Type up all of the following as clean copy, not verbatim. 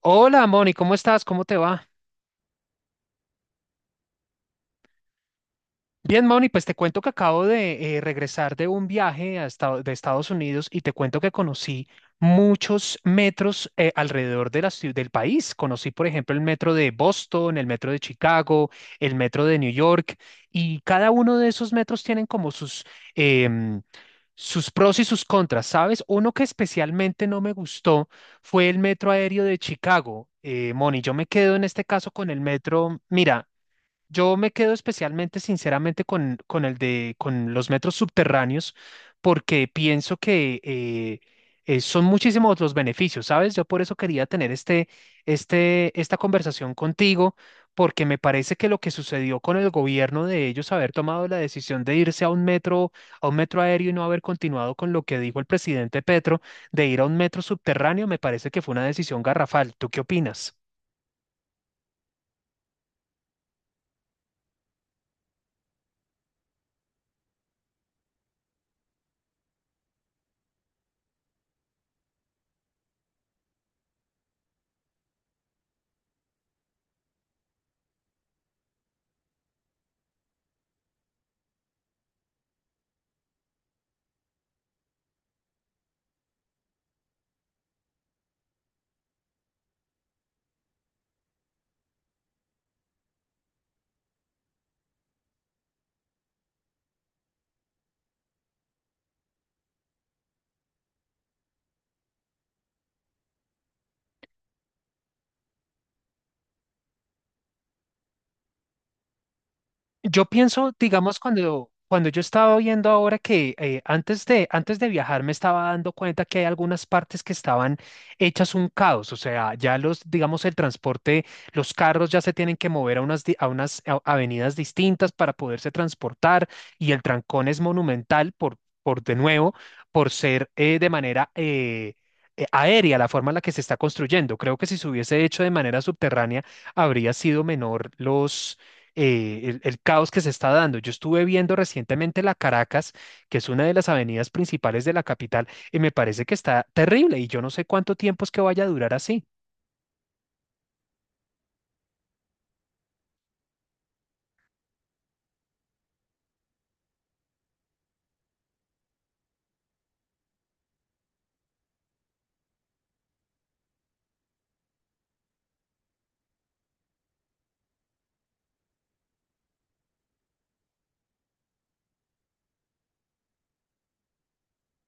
Hola, Moni, ¿cómo estás? ¿Cómo te va? Bien, Moni, pues te cuento que acabo de regresar de un viaje a de Estados Unidos y te cuento que conocí muchos metros alrededor de la del país. Conocí, por ejemplo, el metro de Boston, el metro de Chicago, el metro de New York, y cada uno de esos metros tienen como em, sus pros y sus contras, ¿sabes? Uno que especialmente no me gustó fue el metro aéreo de Chicago. Moni, yo me quedo en este caso con el metro. Mira, yo me quedo especialmente, sinceramente, con el de con los metros subterráneos, porque pienso que son muchísimos los beneficios, ¿sabes? Yo por eso quería tener esta conversación contigo, porque me parece que lo que sucedió con el gobierno de ellos haber tomado la decisión de irse a a un metro aéreo y no haber continuado con lo que dijo el presidente Petro de ir a un metro subterráneo, me parece que fue una decisión garrafal. ¿Tú qué opinas? Yo pienso, digamos, cuando yo estaba viendo ahora que antes de viajar me estaba dando cuenta que hay algunas partes que estaban hechas un caos, o sea, ya los, digamos, el transporte, los carros ya se tienen que mover a a avenidas distintas para poderse transportar y el trancón es monumental por de nuevo, por ser de manera aérea la forma en la que se está construyendo. Creo que si se hubiese hecho de manera subterránea, habría sido menor los el caos que se está dando. Yo estuve viendo recientemente la Caracas, que es una de las avenidas principales de la capital, y me parece que está terrible y yo no sé cuánto tiempo es que vaya a durar así.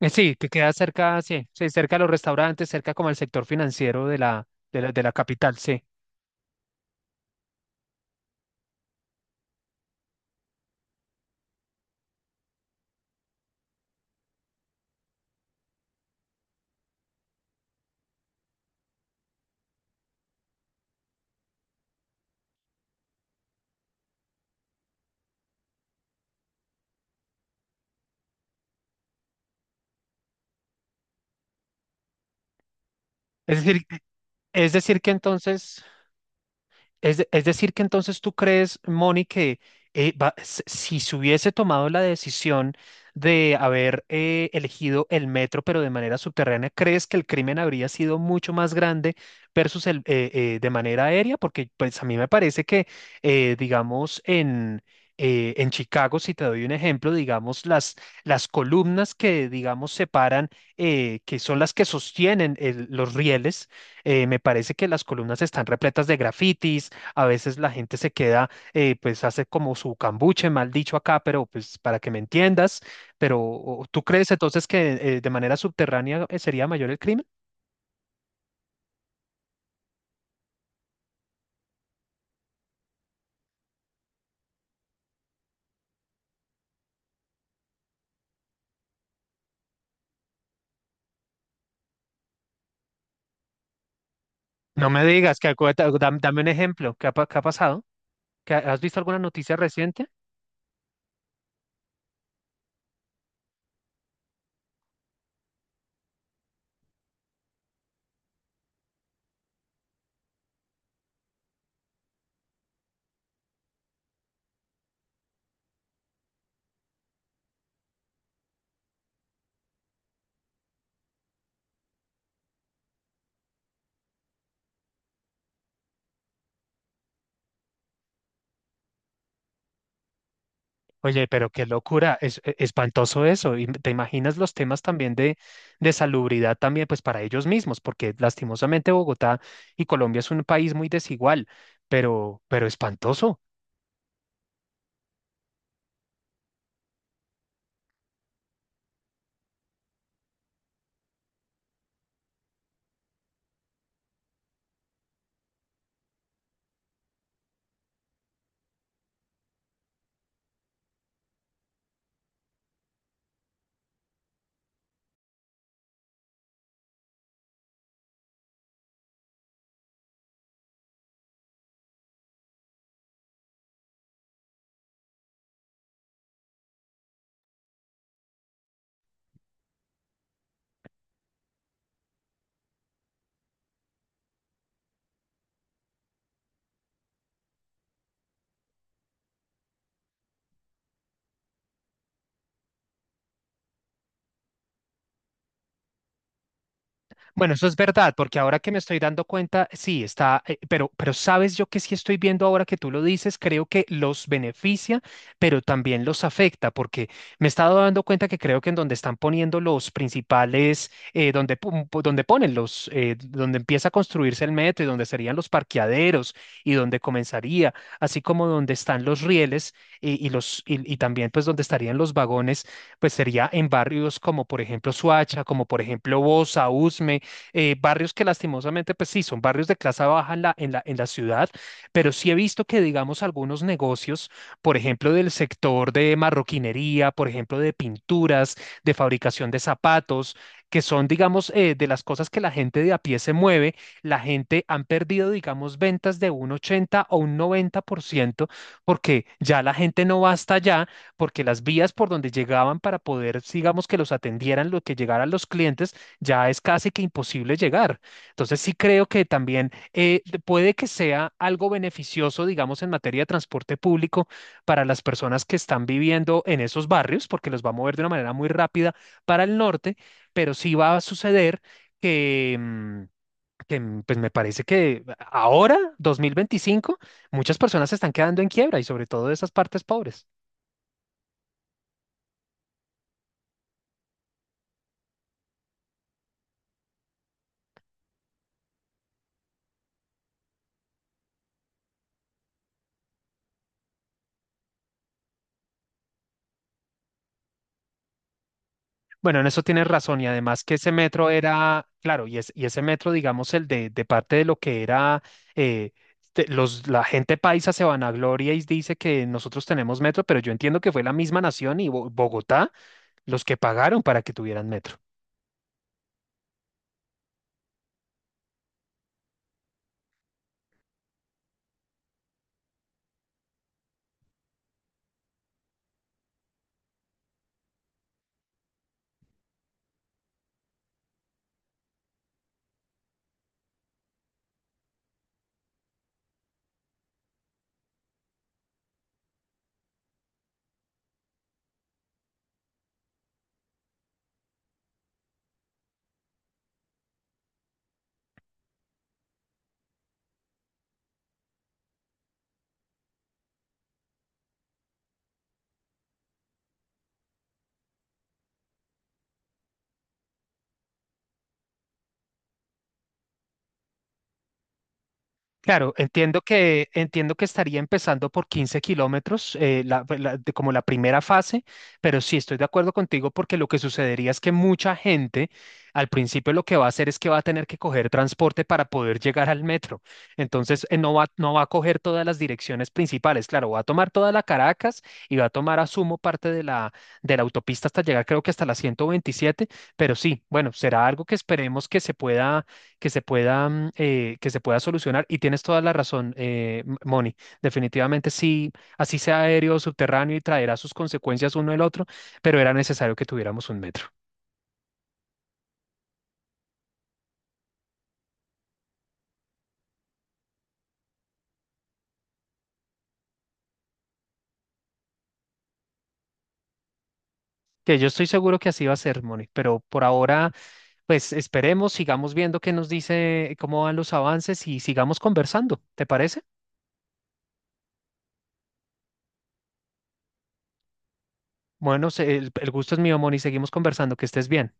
Sí, que queda cerca, sí, sí, cerca de los restaurantes, cerca como el sector financiero de de la capital, sí. Es decir, es decir que entonces es decir, que entonces tú crees, Moni, que si se hubiese tomado la decisión de haber elegido el metro, pero de manera subterránea, ¿crees que el crimen habría sido mucho más grande versus de manera aérea? Porque pues a mí me parece que, digamos, en Chicago, si te doy un ejemplo, las columnas que, digamos, separan, que son las que sostienen los rieles, me parece que las columnas están repletas de grafitis. A veces la gente se queda, pues hace como su cambuche, mal dicho acá, pero pues para que me entiendas, pero ¿tú crees entonces que de manera subterránea sería mayor el crimen? No me digas que dame un ejemplo, ¿qué ha, qué ha pasado? ¿Has visto alguna noticia reciente? Oye, pero qué locura, es espantoso eso. Y te imaginas los temas también de salubridad también, pues para ellos mismos, porque lastimosamente Bogotá y Colombia es un país muy desigual, pero espantoso. Bueno, eso es verdad, porque ahora que me estoy dando cuenta, sí, está, pero sabes yo que sí estoy viendo ahora que tú lo dices, creo que los beneficia, pero también los afecta, porque me he estado dando cuenta que creo que en donde están poniendo los principales, donde ponen donde empieza a construirse el metro y donde serían los parqueaderos y donde comenzaría, así como donde están los rieles y los, y también pues donde estarían los vagones, pues sería en barrios como por ejemplo Suacha, como por ejemplo Bosa, Usme, barrios que lastimosamente, pues sí, son barrios de clase baja en en la ciudad, pero sí he visto que, digamos, algunos negocios, por ejemplo, del sector de marroquinería, por ejemplo, de pinturas, de fabricación de zapatos, que son, digamos, de las cosas que la gente de a pie se mueve, la gente han perdido, digamos, ventas de un 80 o un 90% porque ya la gente no va hasta allá, porque las vías por donde llegaban para poder, digamos, que los atendieran, lo que llegaran los clientes, ya es casi que imposible llegar. Entonces sí creo que también puede que sea algo beneficioso, digamos, en materia de transporte público para las personas que están viviendo en esos barrios, porque los va a mover de una manera muy rápida para el norte, pero sí va a suceder que... mm, que pues me parece que ahora, 2025, muchas personas se están quedando en quiebra y sobre todo de esas partes pobres. Bueno, en eso tienes razón y además que ese metro era, claro, y ese metro, digamos, de parte de lo que era, eh, la gente paisa se vanagloria y dice que nosotros tenemos metro, pero yo entiendo que fue la misma nación y Bogotá los que pagaron para que tuvieran metro. Claro, entiendo que estaría empezando por 15 kilómetros, como la primera fase, pero sí estoy de acuerdo contigo porque lo que sucedería es que mucha gente al principio lo que va a hacer es que va a tener que coger transporte para poder llegar al metro. Entonces, no va a coger todas las direcciones principales. Claro, va a tomar toda la Caracas y va a tomar, asumo, parte de de la autopista hasta llegar, creo que hasta la 127, pero sí, bueno, será algo que esperemos que se pueda, que se pueda solucionar. Y tienes toda la razón, Moni. Definitivamente sí, así sea aéreo, subterráneo y traerá sus consecuencias uno el otro, pero era necesario que tuviéramos un metro. Que yo estoy seguro que así va a ser, Moni, pero por ahora, pues esperemos, sigamos viendo qué nos dice, cómo van los avances y sigamos conversando. ¿Te parece? Bueno, el gusto es mío, Moni, seguimos conversando, que estés bien.